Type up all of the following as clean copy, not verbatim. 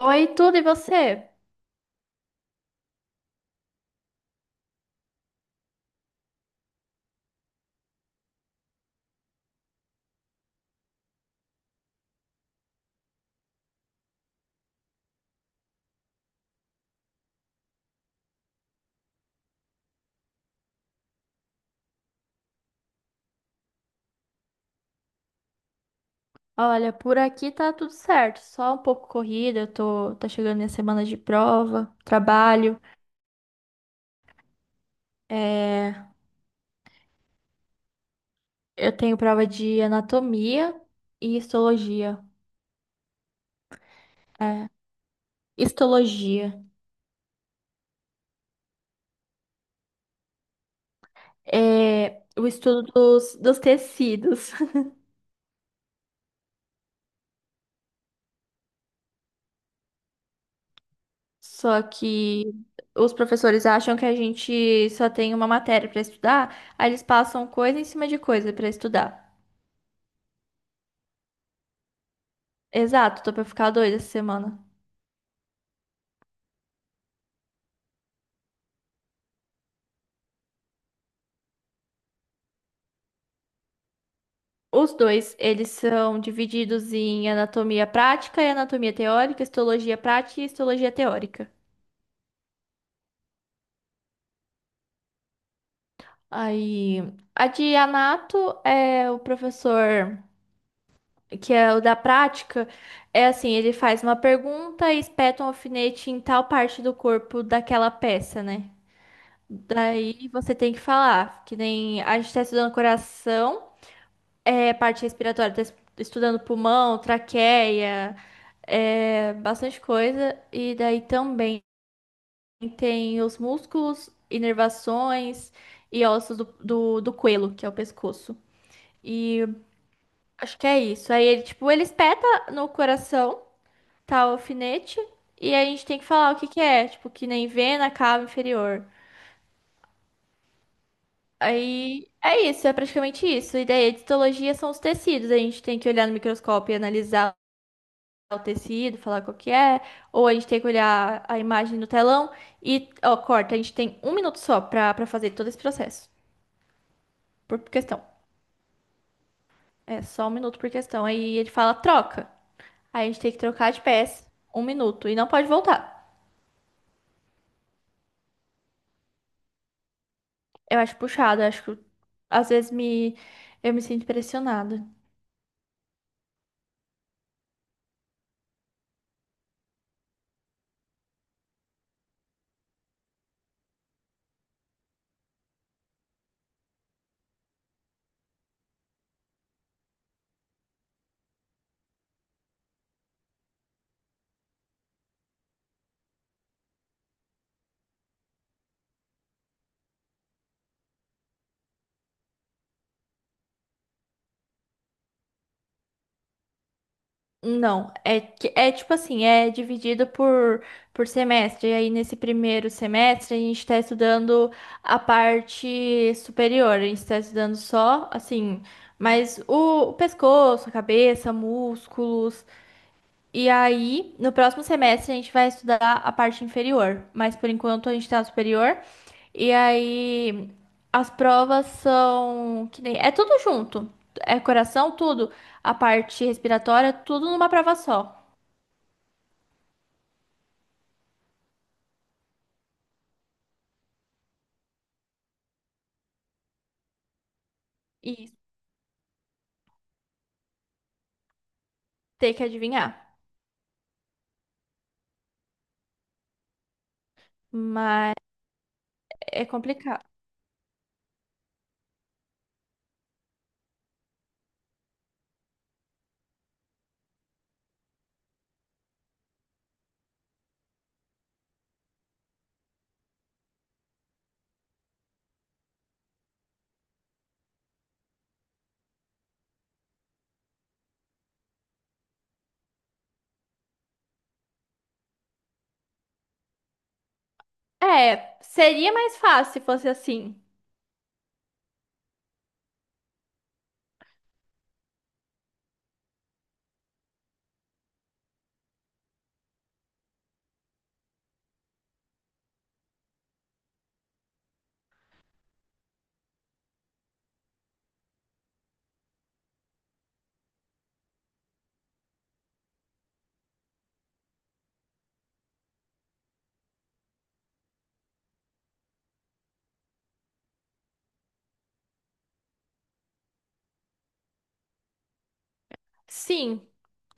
Oi, tudo e você? Olha, por aqui tá tudo certo, só um pouco corrida, tá chegando minha semana de prova, trabalho, é, eu tenho prova de anatomia e histologia, é, histologia, é o estudo dos, dos tecidos, só que os professores acham que a gente só tem uma matéria pra estudar, aí eles passam coisa em cima de coisa pra estudar. Exato, tô pra ficar doida essa semana. Os dois, eles são divididos em anatomia prática e anatomia teórica, histologia prática e histologia teórica. Aí, a de anato é o professor que é o da prática, é assim, ele faz uma pergunta e espeta um alfinete em tal parte do corpo daquela peça, né? Daí você tem que falar, que nem a gente tá estudando coração, é parte respiratória, estudando pulmão, traqueia, é, bastante coisa. E daí também tem os músculos, inervações e ossos do, do coelho, que é o pescoço. E acho que é isso. Aí ele, tipo, ele espeta no coração, tá, o alfinete, e a gente tem que falar o que que é, tipo, que nem vena, cava inferior. Aí é isso, é praticamente isso. E daí a histologia são os tecidos, a gente tem que olhar no microscópio e analisar o tecido, falar qual que é, ou a gente tem que olhar a imagem no telão e, ó, corta, a gente tem um minuto só pra, pra fazer todo esse processo, por questão. É só um minuto por questão. Aí ele fala troca. Aí a gente tem que trocar de peça, um minuto, e não pode voltar. Eu acho puxado, eu acho que às vezes me, eu me sinto pressionada. Não, é, é tipo assim, é dividido por semestre. E aí, nesse primeiro semestre, a gente está estudando a parte superior. A gente está estudando só, assim, mas o pescoço, a cabeça, músculos. E aí, no próximo semestre, a gente vai estudar a parte inferior, mas por enquanto a gente está superior. E aí, as provas são que nem. É tudo junto. É coração, tudo. A parte respiratória, tudo numa prova só. E ter que adivinhar. Mas é complicado. É, seria mais fácil se fosse assim. Sim,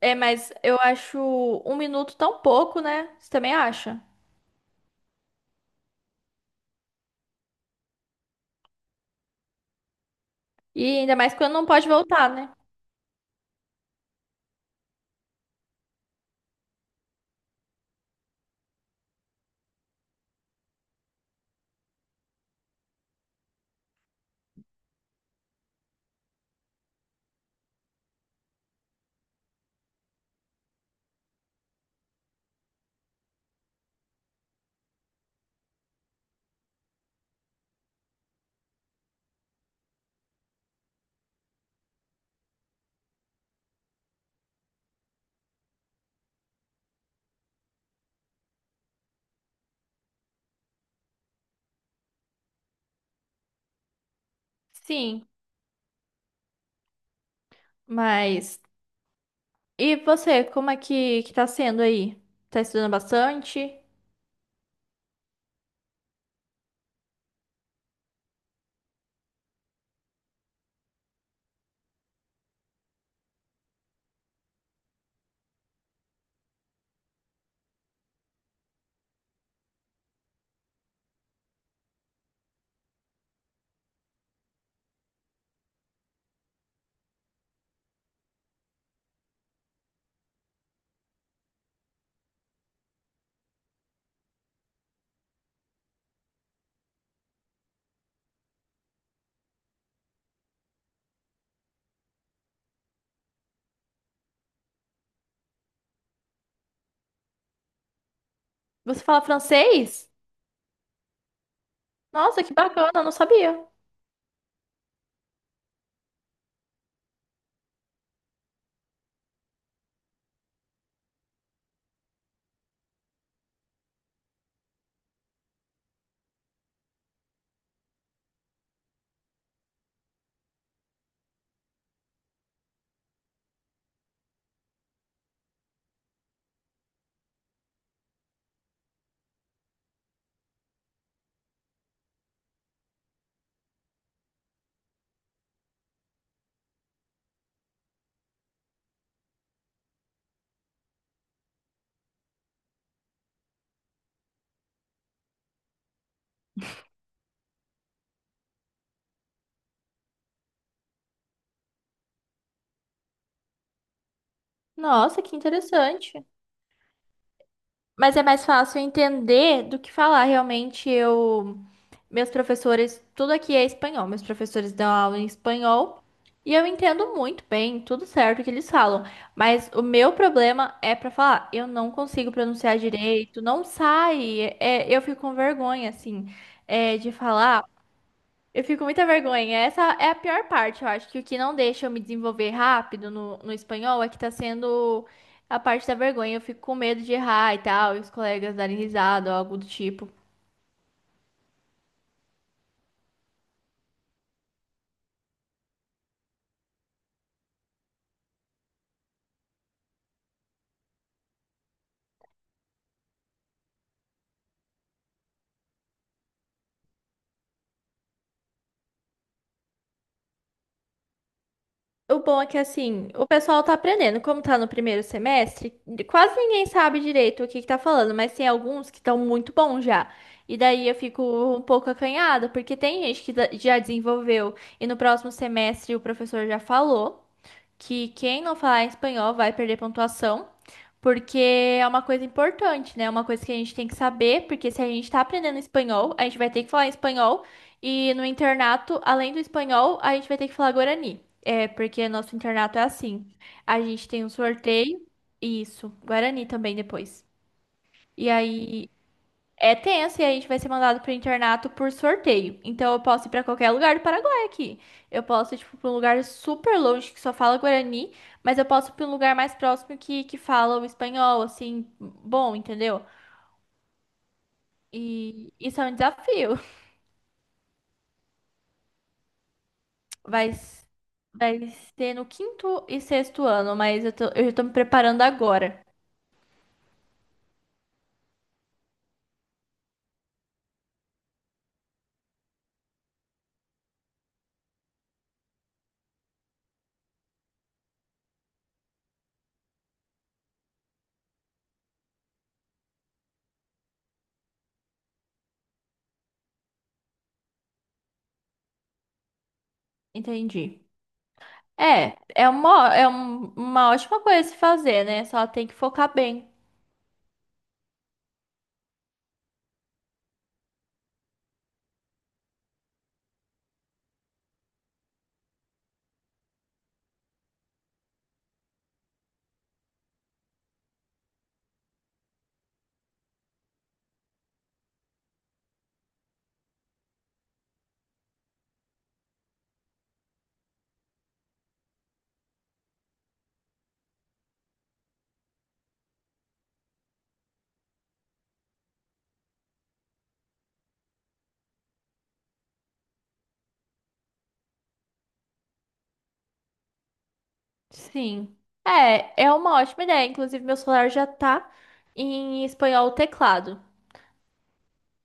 é, mas eu acho um minuto tão pouco, né? Você também acha? E ainda mais quando não pode voltar, né? Sim. Mas e você, como é que tá sendo aí? Tá estudando bastante? Você fala francês? Nossa, que bacana, eu não sabia. Nossa, que interessante. Mas é mais fácil entender do que falar. Realmente, meus professores, tudo aqui é espanhol. Meus professores dão aula em espanhol e eu entendo muito bem, tudo certo que eles falam. Mas o meu problema é para falar. Eu não consigo pronunciar direito, não sai. É, eu fico com vergonha, assim, é, de falar. Eu fico com muita vergonha. Essa é a pior parte. Eu acho que o que não deixa eu me desenvolver rápido no espanhol é que tá sendo a parte da vergonha. Eu fico com medo de errar e tal, e os colegas darem risada ou algo do tipo. O bom é que, assim, o pessoal tá aprendendo. Como tá no primeiro semestre, quase ninguém sabe direito o que que tá falando, mas tem alguns que estão muito bons já. E daí eu fico um pouco acanhada, porque tem gente que já desenvolveu e no próximo semestre o professor já falou que quem não falar espanhol vai perder pontuação. Porque é uma coisa importante, né? É uma coisa que a gente tem que saber, porque se a gente tá aprendendo espanhol, a gente vai ter que falar espanhol. E no internato, além do espanhol, a gente vai ter que falar guarani. É, porque nosso internato é assim. A gente tem um sorteio. Isso, guarani também depois. E aí é tenso e a gente vai ser mandado pro internato por sorteio. Então eu posso ir pra qualquer lugar do Paraguai aqui. Eu posso ir, tipo, pra um lugar super longe que só fala Guarani, mas eu posso ir pra um lugar mais próximo que fala o espanhol, assim, bom, entendeu? E isso é um desafio. Vai, s- vai ser no quinto e sexto ano, mas eu já tô me preparando agora. Entendi. É uma ótima coisa a se fazer, né? Só tem que focar bem. Sim. É, é uma ótima ideia. Inclusive, meu celular já tá em espanhol o teclado.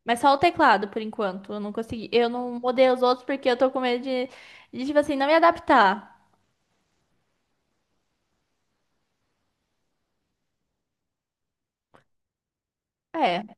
Mas só o teclado, por enquanto. Eu não consegui. Eu não mudei os outros porque eu tô com medo de tipo assim, não me adaptar. É.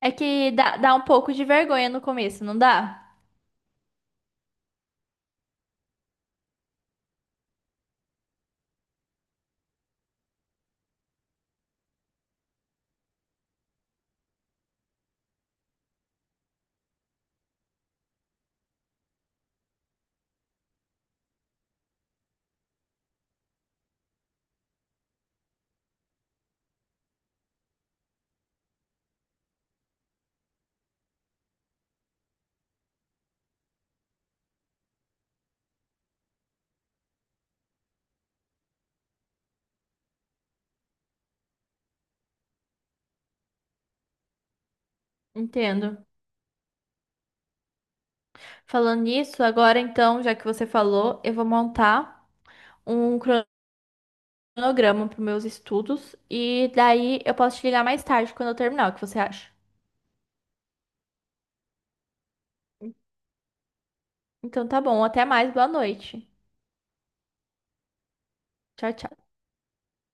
É que dá, dá um pouco de vergonha no começo, não dá? Entendo. Falando nisso, agora então, já que você falou, eu vou montar um cronograma para meus estudos e daí eu posso te ligar mais tarde quando eu terminar, o que você acha? Então tá bom, até mais, boa noite. Tchau, tchau.